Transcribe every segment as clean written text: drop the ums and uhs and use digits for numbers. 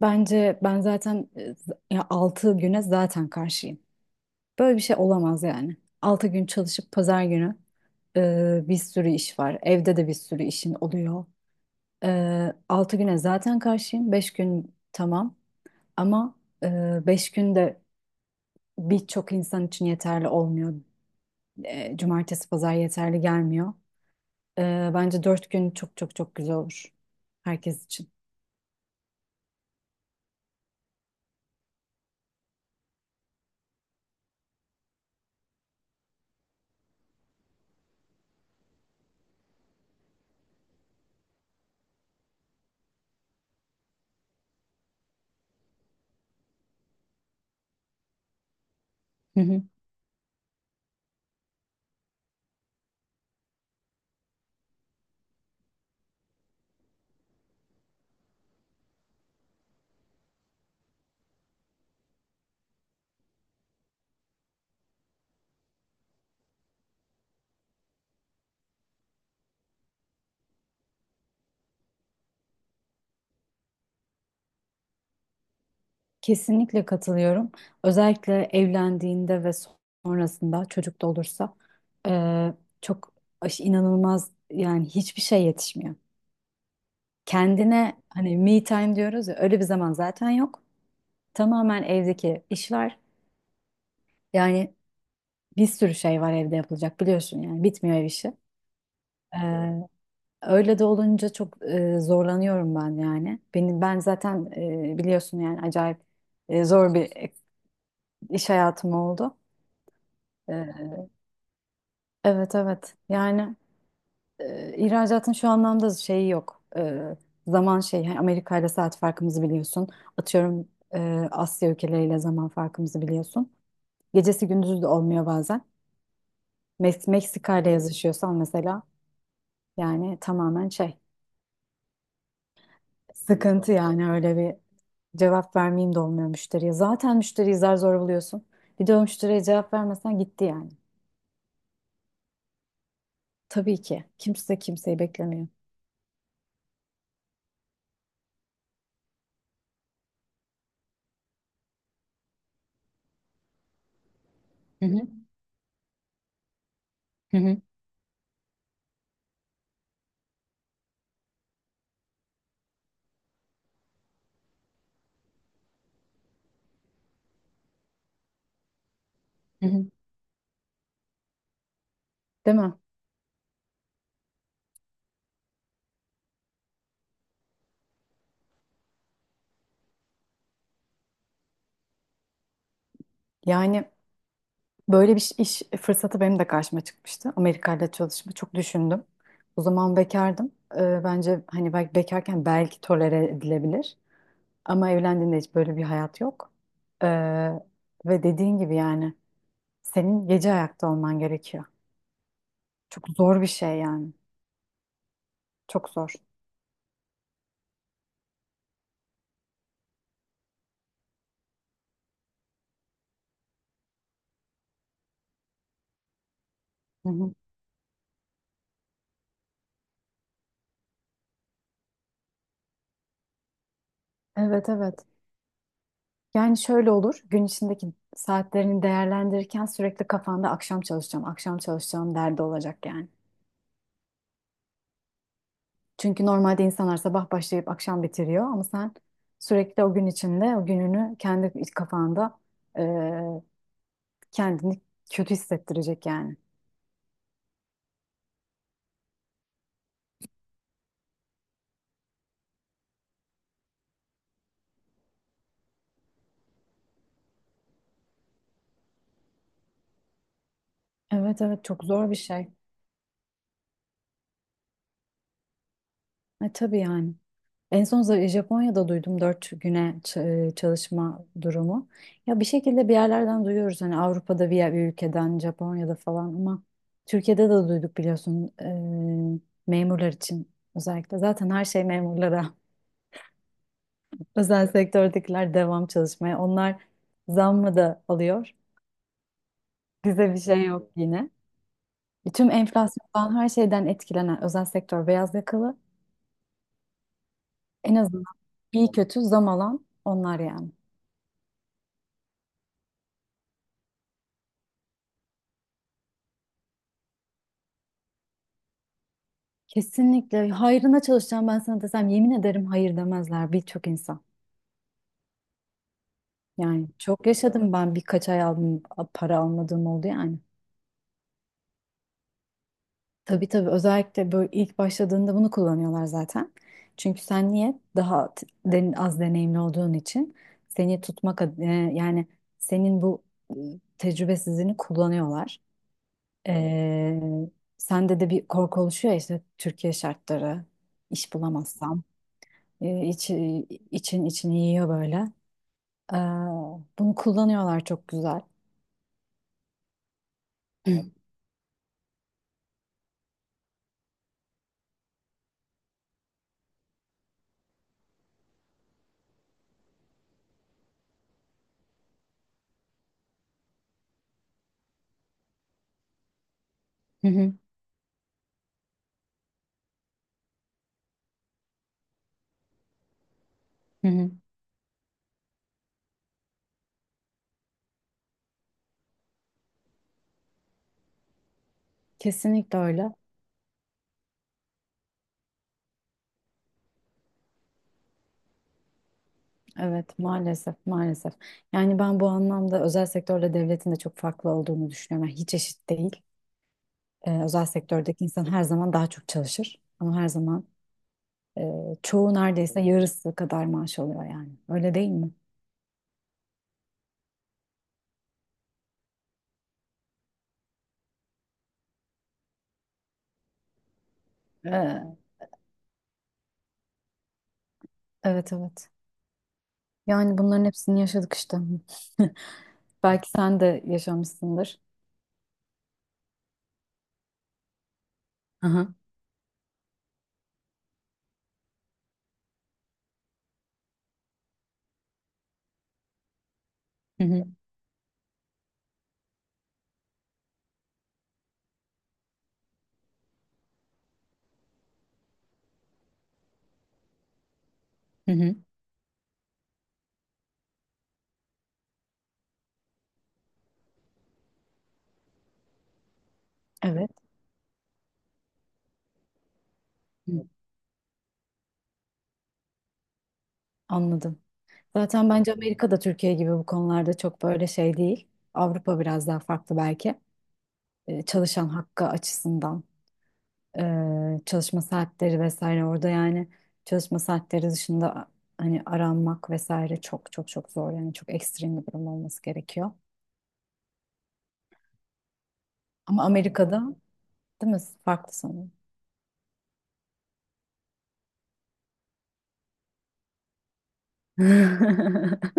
Bence ben zaten 6 güne zaten karşıyım. Böyle bir şey olamaz yani. 6 gün çalışıp pazar günü bir sürü iş var. Evde de bir sürü işin oluyor. 6 güne zaten karşıyım. 5 gün tamam ama 5 gün de birçok insan için yeterli olmuyor. Cumartesi pazar yeterli gelmiyor. Bence 4 gün çok çok çok güzel olur herkes için. Kesinlikle katılıyorum. Özellikle evlendiğinde ve sonrasında çocuk da olursa eee, çok inanılmaz yani hiçbir şey yetişmiyor. Kendine hani me time diyoruz ya, öyle bir zaman zaten yok. Tamamen evdeki işler yani, bir sürü şey var evde yapılacak, biliyorsun yani bitmiyor ev işi. Eee, Öyle de olunca çok zorlanıyorum ben yani. Benim zaten biliyorsun yani acayip zor bir iş hayatım oldu. Evet evet, yani ihracatın şu anlamda şeyi yok. Zaman şey yani, Amerika ile saat farkımızı biliyorsun, atıyorum Asya ülkeleriyle zaman farkımızı biliyorsun, gecesi gündüzü de olmuyor bazen. Meksika ile yazışıyorsan mesela, yani tamamen şey, sıkıntı yani. Öyle bir cevap vermeyeyim de olmuyor müşteriye, zaten müşteriyi zar zor buluyorsun, bir de o müşteriye cevap vermesen gitti yani. Tabii ki kimse kimseyi beklemiyor. Hı hı. Hı hı. Hı hı. Değil mi? Yani böyle bir iş fırsatı benim de karşıma çıkmıştı. Amerika ile çalışma çok düşündüm. O zaman bekardım. Bence hani belki bekarken belki tolere edilebilir. Ama evlendiğinde hiç böyle bir hayat yok. Ee, Ve dediğin gibi yani senin gece ayakta olman gerekiyor. Çok zor bir şey yani. Çok zor. Hı hı. Evet evet. Yani şöyle olur. Gün içindeki saatlerini değerlendirirken sürekli kafanda akşam çalışacağım, akşam çalışacağım derdi olacak yani. Çünkü normalde insanlar sabah başlayıp akşam bitiriyor ama sen sürekli o gün içinde o gününü kendi kafanda e, kendini kötü hissettirecek yani. Evet evet, çok zor bir şey. Tabii yani. En son Japonya'da duydum dört güne çalışma durumu. Ya bir şekilde bir yerlerden duyuyoruz, hani Avrupa'da bir, bir ülkeden, Japonya'da falan ama Türkiye'de de duyduk, biliyorsun memurlar için özellikle. Zaten her şey memurlara. Özel sektördekiler devam çalışmaya. Onlar zammı da alıyor. Bize bir şey yok yine. Tüm enflasyon falan her şeyden etkilenen özel sektör beyaz yakalı. En azından iyi kötü zam alan onlar yani. Kesinlikle hayrına çalışacağım ben sana desem, yemin ederim hayır demezler birçok insan. Yani çok yaşadım ben, birkaç ay aldım, para almadığım oldu yani. Tabii tabii, özellikle böyle ilk başladığında bunu kullanıyorlar zaten. Çünkü sen niye daha az deneyimli olduğun için seni tutmak yani senin bu e, tecrübesizliğini kullanıyorlar. Ee, Sende de bir korku oluşuyor ya, işte Türkiye şartları, iş bulamazsam için içini yiyor böyle. Ee, Bunu kullanıyorlar çok güzel. Hı hı, hı hı. Kesinlikle öyle. Evet maalesef, maalesef. Yani ben bu anlamda özel sektörle devletin de çok farklı olduğunu düşünüyorum. Yani hiç eşit değil. Özel sektördeki insan her zaman daha çok çalışır. Ama her zaman e, çoğu neredeyse yarısı kadar maaş alıyor yani. Öyle değil mi? Ee, evet evet. Yani bunların hepsini yaşadık işte. Belki sen de yaşamışsındır. Aha. Hı hı. Hı hı. Evet. Hı. Anladım. Zaten bence Amerika da Türkiye gibi bu konularda çok böyle şey değil. Avrupa biraz daha farklı belki. Çalışan hakkı açısından, çalışma saatleri vesaire orada yani, çalışma saatleri dışında hani aranmak vesaire çok çok çok zor yani, çok ekstrem bir durum olması gerekiyor. Ama Amerika'da değil mi? Farklı sanırım.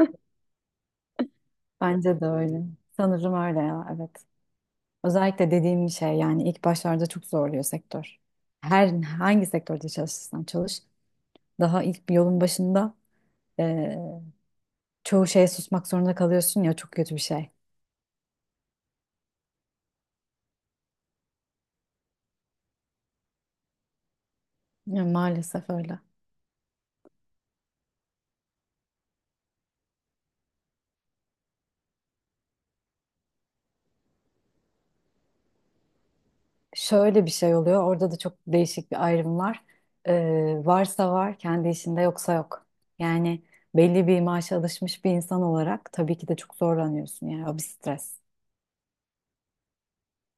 Bence de öyle. Sanırım öyle ya, evet. Özellikle dediğim şey yani ilk başlarda çok zorluyor sektör. Her hangi sektörde çalışırsan çalış, daha ilk bir yolun başında e, çoğu şeye susmak zorunda kalıyorsun ya, çok kötü bir şey. Ya, maalesef öyle. Şöyle bir şey oluyor. Orada da çok değişik bir ayrım var. Varsa var, kendi işinde yoksa yok. Yani belli bir maaşa alışmış bir insan olarak tabii ki de çok zorlanıyorsun. Yani o bir stres.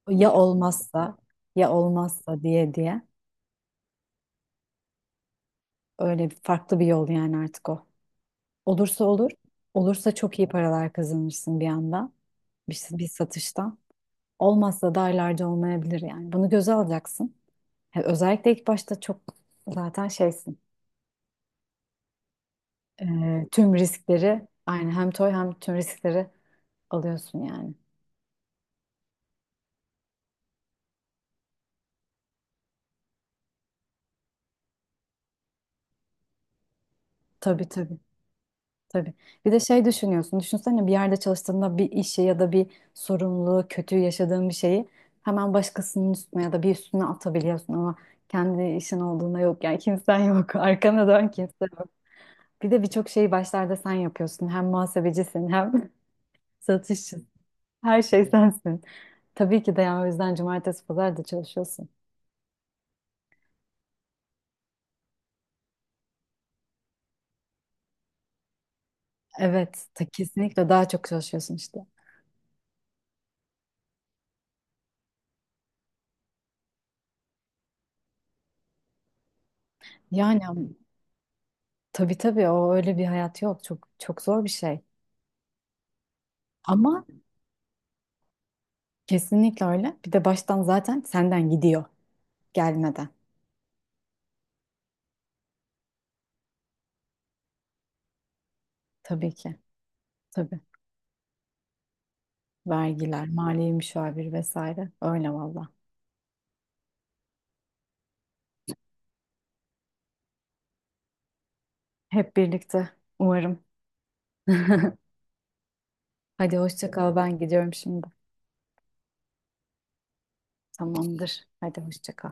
Ya olmazsa, ya olmazsa diye diye öyle bir farklı bir yol yani artık o. Olursa olur. Olursa çok iyi paralar kazanırsın bir anda. Bir satıştan. Olmazsa da aylarca olmayabilir yani. Bunu göze alacaksın. He, özellikle ilk başta çok zaten şeysin. Tüm riskleri aynı, hem toy hem tüm riskleri alıyorsun yani. Tabii tabii tabii. Bir de şey düşünüyorsun. Düşünsene bir yerde çalıştığında bir işi ya da bir sorumluluğu, kötü yaşadığın bir şeyi hemen başkasının üstüne ya da bir üstüne atabiliyorsun ama kendi işin olduğunda yok yani, kimsen yok. Arkana dön, kimse yok. Bir de birçok şeyi başlarda sen yapıyorsun. Hem muhasebecisin hem satışçısın. Her şey sensin. Tabii ki de yani o yüzden cumartesi pazar da çalışıyorsun. Evet, ta, kesinlikle daha çok çalışıyorsun işte. Yani tabii tabii, o öyle bir hayat yok. Çok çok zor bir şey. Ama kesinlikle öyle. Bir de baştan zaten senden gidiyor gelmeden. Tabii ki. Tabii. Vergiler, mali müşavir vesaire. Öyle valla. Hep birlikte umarım. Hadi hoşça kal. Ben gidiyorum şimdi. Tamamdır. Hadi hoşça kal.